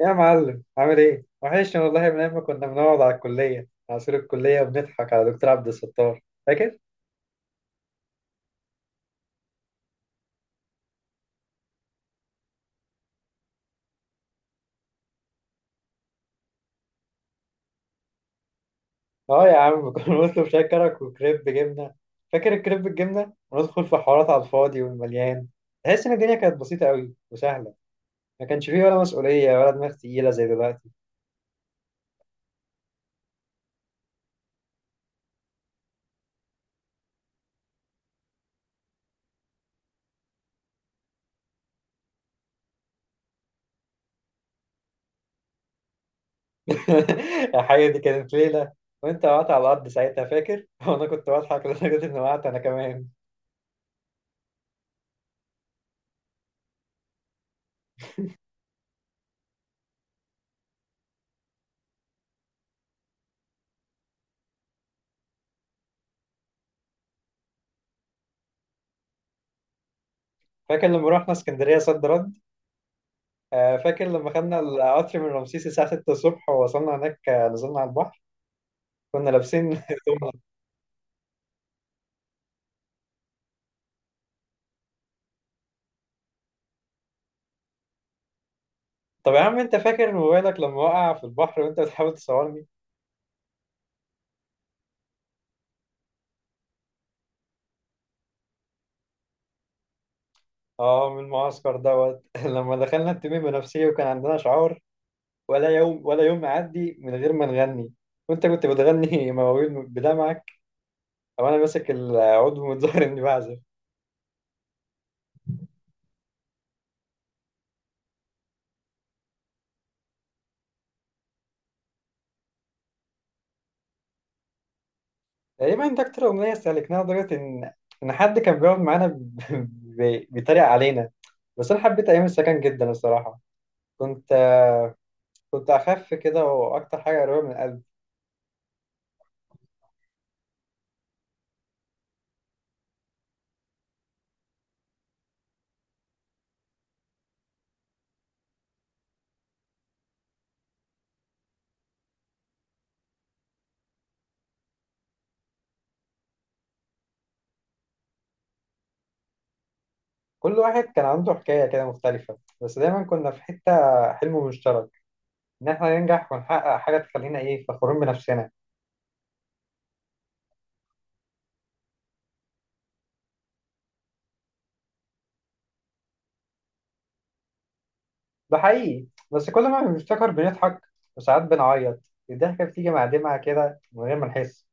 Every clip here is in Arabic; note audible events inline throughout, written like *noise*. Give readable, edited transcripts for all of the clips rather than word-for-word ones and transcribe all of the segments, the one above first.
يا معلم عامل ايه؟ وحشني والله من ايام ما كنا بنقعد على الكلية على سور الكلية وبنضحك على دكتور عبد الستار. فاكر؟ اه يا عم، *laughs* كنا بنطلب شاي كرك وكريب جبنة. فاكر الكريب بالجبنة؟ وندخل في حوارات على الفاضي والمليان. تحس ان الدنيا كانت بسيطة قوي وسهلة. ما كانش فيه ولا مسؤولية ولا دماغ تقيلة زي دلوقتي. *laughs* يا حقيقة دي كانت ليلة. وانت وقعت على الأرض ساعتها فاكر؟ *laughs* وانا كنت بضحك لدرجة اني وقعت انا كمان. فاكر لما رحنا اسكندرية صد رد؟ آه، فاكر لما خدنا القطر من رمسيس الساعة 6 الصبح ووصلنا هناك. آه، نزلنا على البحر. كنا لابسين *laughs* هدوم. طب يا عم انت فاكر موبايلك لما وقع في البحر وانت بتحاول تصورني؟ اه، من المعسكر دوت. *laughs* لما دخلنا التميم بنفسية وكان عندنا شعار، ولا يوم ولا يوم يعدي من غير ما نغني. وانت كنت بتغني *laughs* مواويل بدمعك، او انا ماسك العود ومتظاهر اني بعزف. تقريبا ده اكتر اغنية استهلكناها لدرجة ان حد كان بيقعد معانا *laughs* بيتريق علينا. بس انا حبيت ايام السكن جدا الصراحة. كنت كنت أخف كده، وأكتر حاجة قريبة من القلب. كل واحد كان عنده حكاية كده مختلفة، بس دايما كنا في حتة، حلم مشترك، إن إحنا ننجح ونحقق حاجة تخلينا إيه فخورين بنفسنا. ده حقيقي، بس كل ما بنفتكر بنضحك وساعات بنعيط. الضحكة بتيجي مع دمعة كده من غير ما نحس.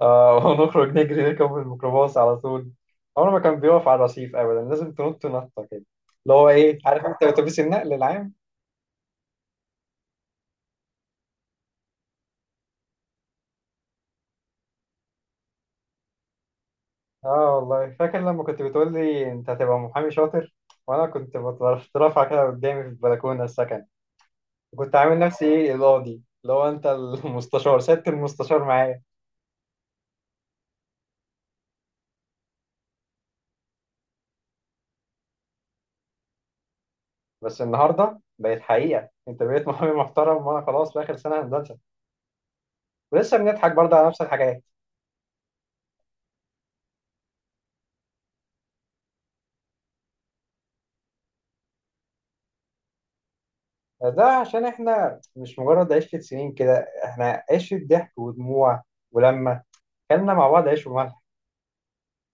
آه، *laughs* ونخرج نجري نركب الميكروباص على طول. عمره ما كان بيقف على الرصيف أبدا، لازم تنط نطة كده. اللي هو إيه، عارف أنت، أتوبيس النقل العام. اه والله فاكر لما كنت بتقول لي انت هتبقى محامي شاطر، وانا كنت بترفع كده قدامي في البلكونه السكن. وكنت عامل نفسي ايه القاضي، اللي هو انت المستشار، سيادة المستشار معايا. بس النهارده بقت حقيقه، انت بقيت محامي محترم، وانا خلاص في اخر سنه هندسه. ولسه بنضحك برضه على نفس الحاجات. ده عشان احنا مش مجرد عشره سنين كده، احنا عشره ضحك ودموع. ولما كلنا مع بعض عيش وملح،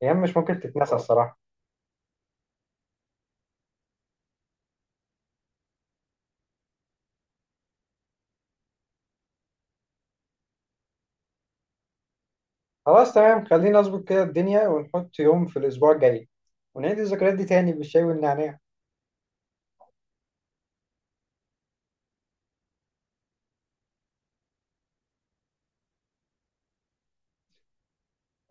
ايام مش ممكن تتنسى الصراحه. خلاص تمام، خلينا نظبط كده الدنيا ونحط يوم في الأسبوع الجاي، ونعيد الذكريات دي تاني بالشاي والنعناع.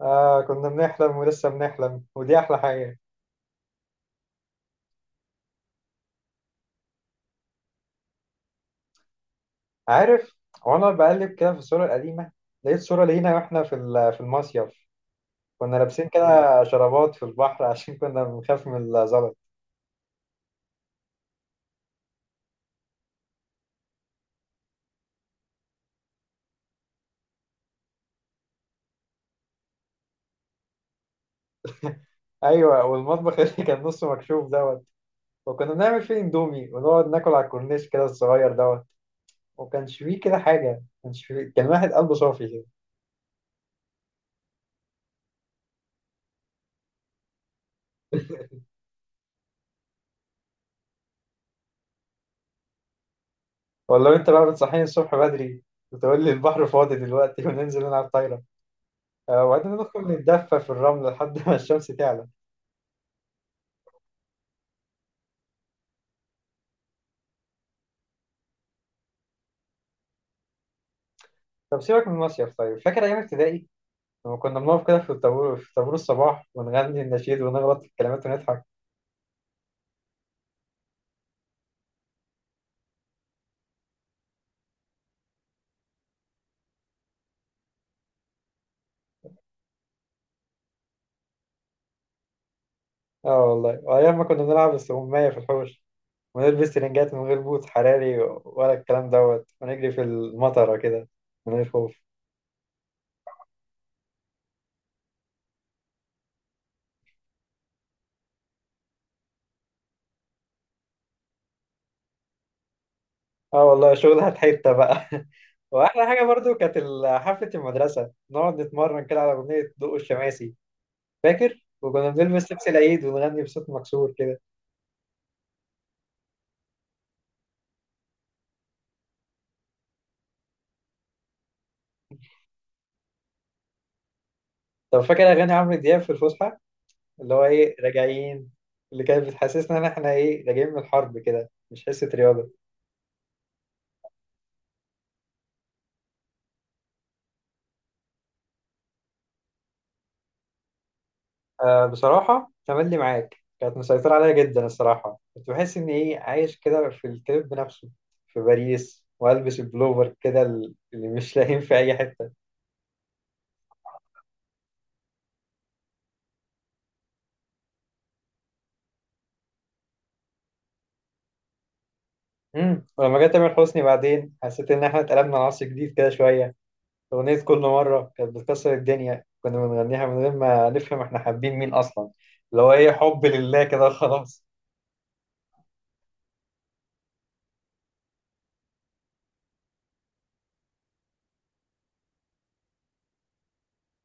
آه كنا بنحلم، ولسه بنحلم، ودي أحلى حاجة. عارف، وأنا بقلب كده في الصورة القديمة لقيت صورة لينا وإحنا في في المصيف. كنا لابسين كده شرابات في البحر *laughs* عشان كنا بنخاف من الزلط. *laughs* أيوة، والمطبخ اللي كان نصه مكشوف دوت، وكنا بنعمل فيه إندومي ونقعد ناكل على الكورنيش كده الصغير دوت. وكانش فيه كده حاجة، كانش فيه كان واحد قلبه صافي كده. ولا انت بقى بتصحيني الصبح بدري، وتقول لي البحر فاضي دلوقتي وننزل نلعب طايره. آه، وبعدين ندخل نتدفى في الرمل لحد ما الشمس تعلى. طب سيبك من المصيف، طيب فاكر ايام ابتدائي؟ لما كنا بنقف كده في الطابور، في طابور الصباح ونغني النشيد ونغلط في الكلمات ونضحك. اه والله، وايام ما كنا بنلعب استغمايه في الحوش، ونلبس ترنجات من غير بوت حراري ولا الكلام دوت، ونجري في المطره كده من غير خوف. اه والله شغلها في حته بقى. *laughs* واحلى حاجه برضو كانت حفله المدرسه، نقعد نتمرن كده على اغنيه ضوء الشماسي. فاكر؟ وكنا بنلبس لبس العيد ونغني بصوت مكسور كده. طب فاكر اغاني عمرو دياب في الفسحه، اللي هو ايه راجعين؟ اللي كانت بتحسسنا ان احنا ايه راجعين من الحرب كده، مش حصه رياضه. آه بصراحه، تملي معاك كانت مسيطره عليا جدا الصراحه. كنت بحس ان ايه عايش كده في الكليب بنفسه، في باريس والبس البلوفر كده اللي مش *laughs* لاقيين في اي حته. ولما جه تامر حسني بعدين حسيت ان احنا اتقلبنا عصر جديد كده شويه. اغنيه كل مره كانت بتكسر الدنيا، كنا بنغنيها من غير ما نفهم احنا حابين مين اصلا، اللي هو ايه حب لله كده خلاص.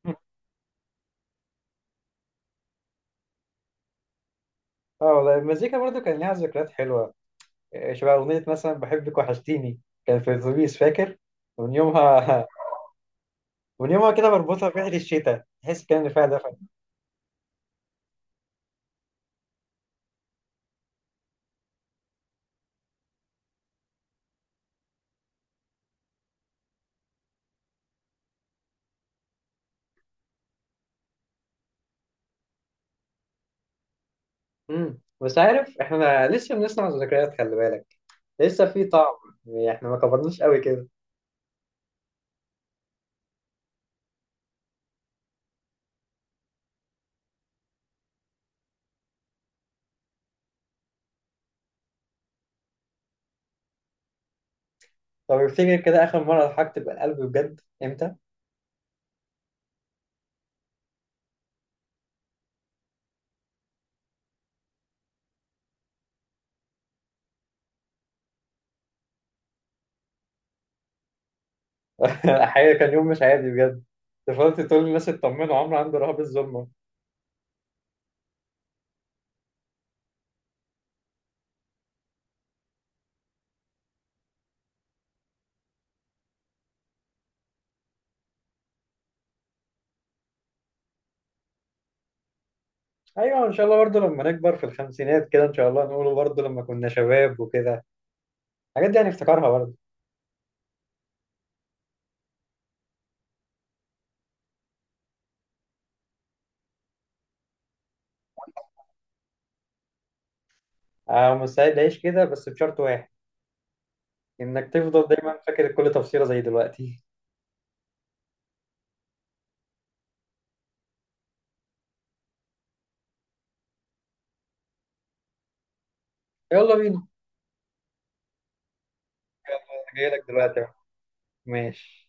*laughs* اه والله، المزيكا برضو كان ليها ذكريات حلوه. إيه، شبه اغنيه مثلا بحبك وحشتيني، كان في الاتوبيس فاكر؟ ومن يومها *laughs* ومن يومها كده بربطها بريحه الشتاء، تحس كان اللي فيها دفى. بس عارف، احنا لسه بنصنع ذكريات، خلي بالك لسه في طعم. يعني احنا ما كبرناش قوي كده. طب افتكر كده آخر مرة ضحكت بالقلب بجد إمتى؟ *laughs* الحقيقة كان يوم مش عادي بجد. أنت فضلت تقول للناس اطمنوا، عمرو عنده رهاب الظلمة. أيوة، إن شاء الله برضه لما نكبر في الخمسينات كده، إن شاء الله نقوله برضه لما كنا شباب وكده الحاجات دي هنفتكرها برضه. أنا مستعد أعيش كده بس بشرط واحد، إنك تفضل دايما فاكر كل تفصيلة زي دلوقتي. يلا بينا، يلا، أنا جايلك دلوقتي أهو. ماشي.